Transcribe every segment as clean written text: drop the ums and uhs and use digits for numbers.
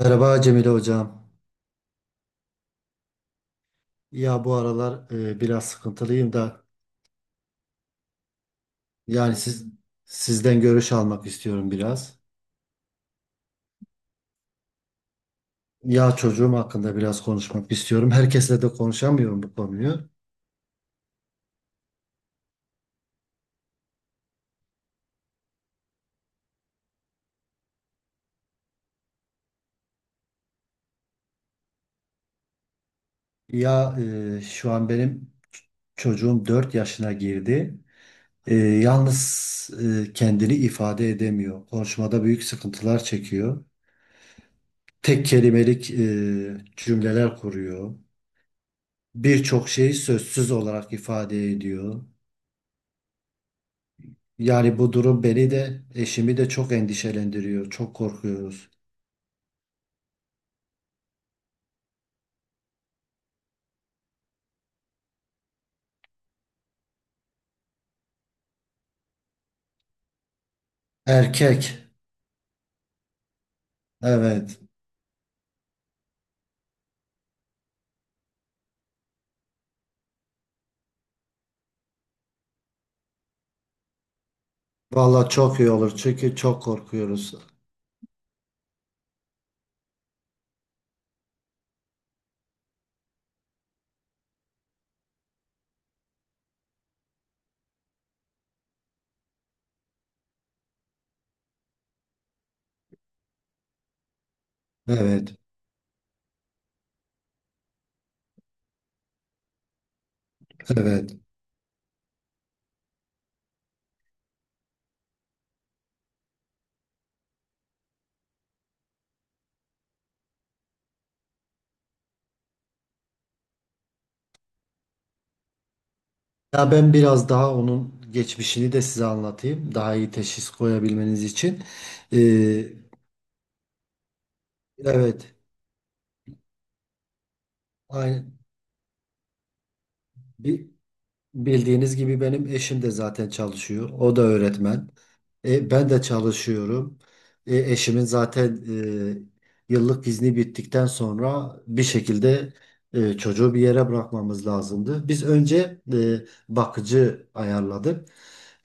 Merhaba Cemile Hocam. Ya bu aralar biraz sıkıntılıyım da yani sizden görüş almak istiyorum biraz. Ya çocuğum hakkında biraz konuşmak istiyorum. Herkesle de konuşamıyorum bu konuyu. Ya şu an benim çocuğum 4 yaşına girdi. Yalnız kendini ifade edemiyor. Konuşmada büyük sıkıntılar çekiyor. Tek kelimelik cümleler kuruyor. Birçok şeyi sözsüz olarak ifade ediyor. Yani bu durum beni de eşimi de çok endişelendiriyor. Çok korkuyoruz. Erkek. Evet. Valla çok iyi olur çünkü çok korkuyoruz. Evet. Evet. Ya ben biraz daha onun geçmişini de size anlatayım. Daha iyi teşhis koyabilmeniz için. Ee, evet. Aynı, bi- bildiğiniz gibi benim eşim de zaten çalışıyor. O da öğretmen. Ben de çalışıyorum. Eşimin zaten yıllık izni bittikten sonra bir şekilde çocuğu bir yere bırakmamız lazımdı. Biz önce bakıcı ayarladık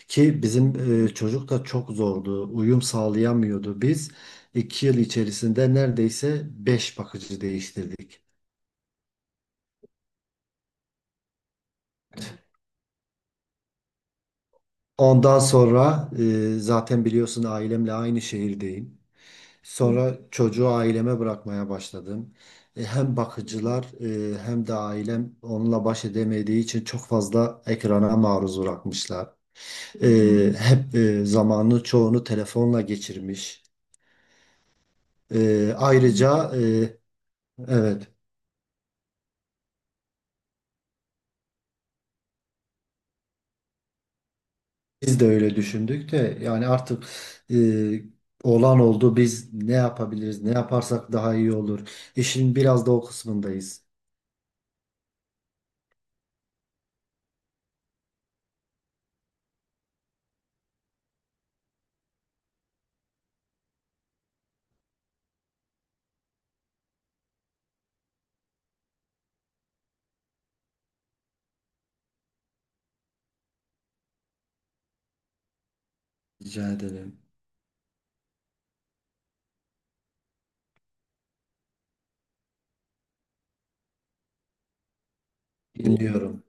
ki bizim çocuk da çok zordu. Uyum sağlayamıyordu. Biz 2 yıl içerisinde neredeyse 5 bakıcı değiştirdik. Ondan sonra zaten biliyorsun ailemle aynı şehirdeyim. Sonra çocuğu aileme bırakmaya başladım. Hem bakıcılar hem de ailem onunla baş edemediği için çok fazla ekrana maruz bırakmışlar. E, Hep zamanı çoğunu telefonla geçirmiş. E, Ayrıca e, evet, biz de öyle düşündük de yani artık olan oldu, biz ne yapabiliriz, ne yaparsak daha iyi olur. İşin biraz da o kısmındayız. Rica ederim. Dinliyorum.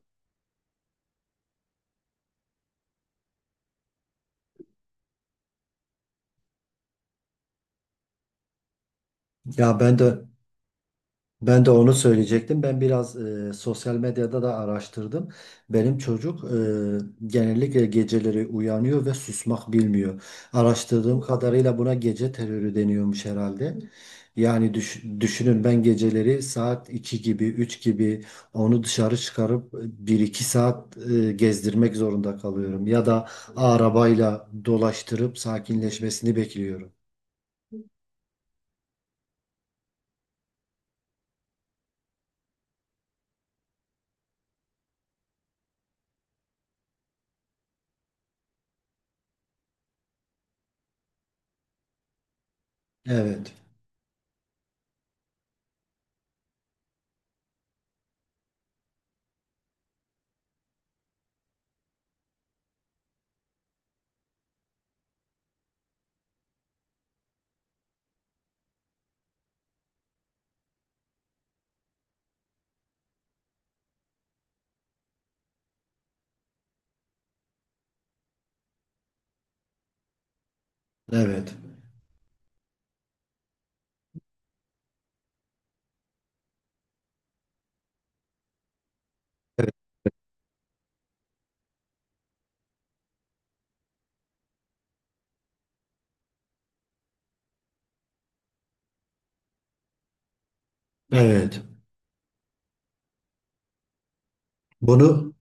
Ya ben de Ben de onu söyleyecektim. Ben biraz sosyal medyada da araştırdım. Benim çocuk genellikle geceleri uyanıyor ve susmak bilmiyor. Araştırdığım kadarıyla buna gece terörü deniyormuş herhalde. Yani düşünün, ben geceleri saat 2 gibi, 3 gibi onu dışarı çıkarıp 1-2 saat gezdirmek zorunda kalıyorum. Ya da arabayla dolaştırıp sakinleşmesini bekliyorum. Evet, evet, evet. Bunu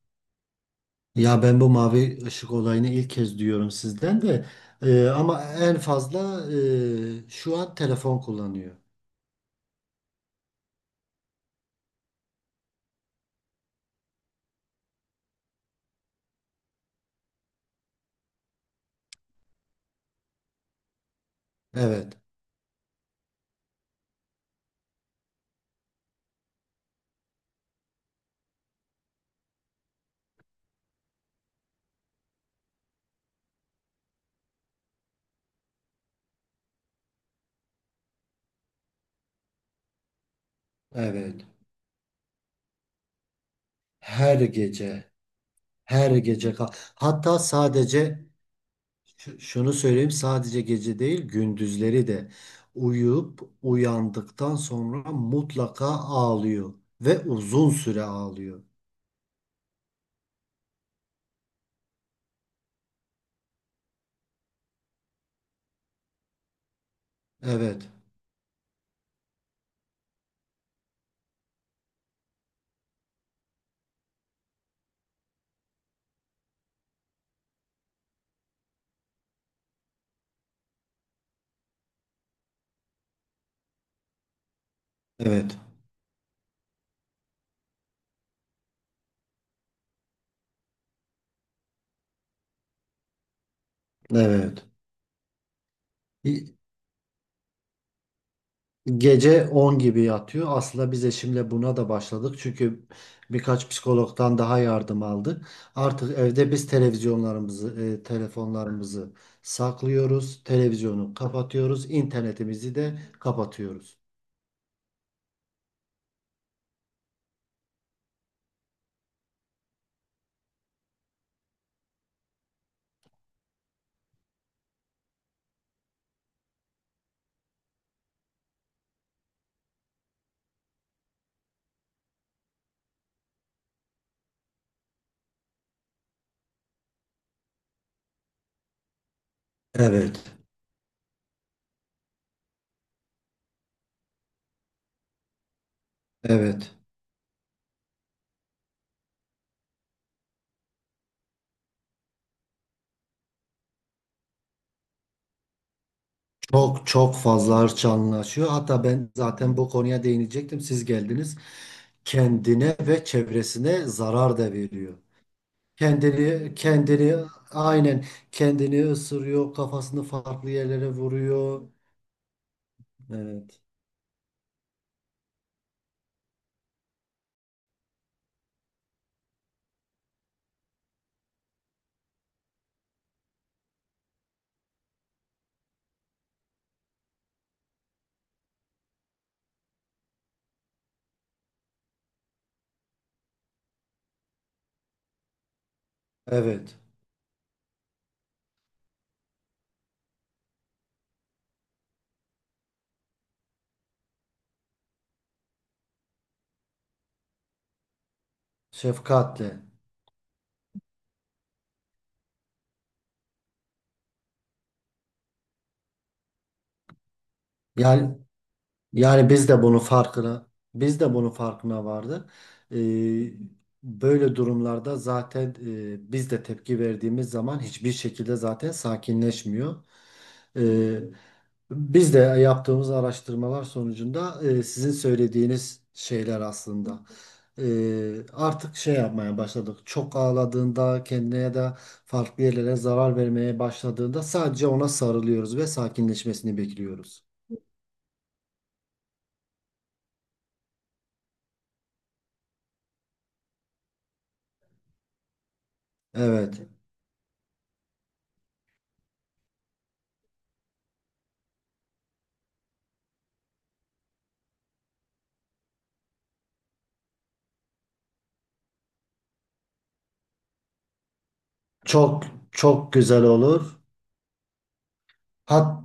Ya ben bu mavi ışık olayını ilk kez duyuyorum sizden de. Ama en fazla şu an telefon kullanıyor. Evet, evet. Her gece, her gece. Hatta sadece, şunu söyleyeyim, sadece gece değil, gündüzleri de uyuyup uyandıktan sonra mutlaka ağlıyor ve uzun süre ağlıyor. Evet, evet, evet. Gece 10 gibi yatıyor. Aslında biz eşimle buna da başladık. Çünkü birkaç psikologdan daha yardım aldık. Artık evde biz televizyonlarımızı, telefonlarımızı saklıyoruz. Televizyonu kapatıyoruz. İnternetimizi de kapatıyoruz. Evet. Evet. Çok çok fazla hırçanlaşıyor. Hatta ben zaten bu konuya değinecektim. Siz geldiniz. Kendine ve çevresine zarar da veriyor. Kendini aynen kendini ısırıyor, kafasını farklı yerlere vuruyor. Evet. Evet, şefkatle. Yani Yani biz de bunun farkına vardık. Ee, Böyle durumlarda zaten biz de tepki verdiğimiz zaman hiçbir şekilde zaten sakinleşmiyor. Ee, Biz de yaptığımız araştırmalar sonucunda sizin söylediğiniz şeyler aslında. Artık şey yapmaya başladık. Çok ağladığında kendine ya da farklı yerlere zarar vermeye başladığında sadece ona sarılıyoruz ve sakinleşmesini bekliyoruz. Evet. Çok çok güzel olur. Hat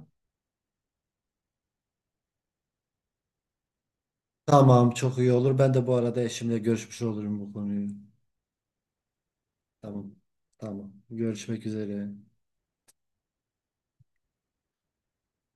tamam, çok iyi olur. Ben de bu arada eşimle görüşmüş olurum bu konuyu. Tamam. Tamam. Görüşmek üzere.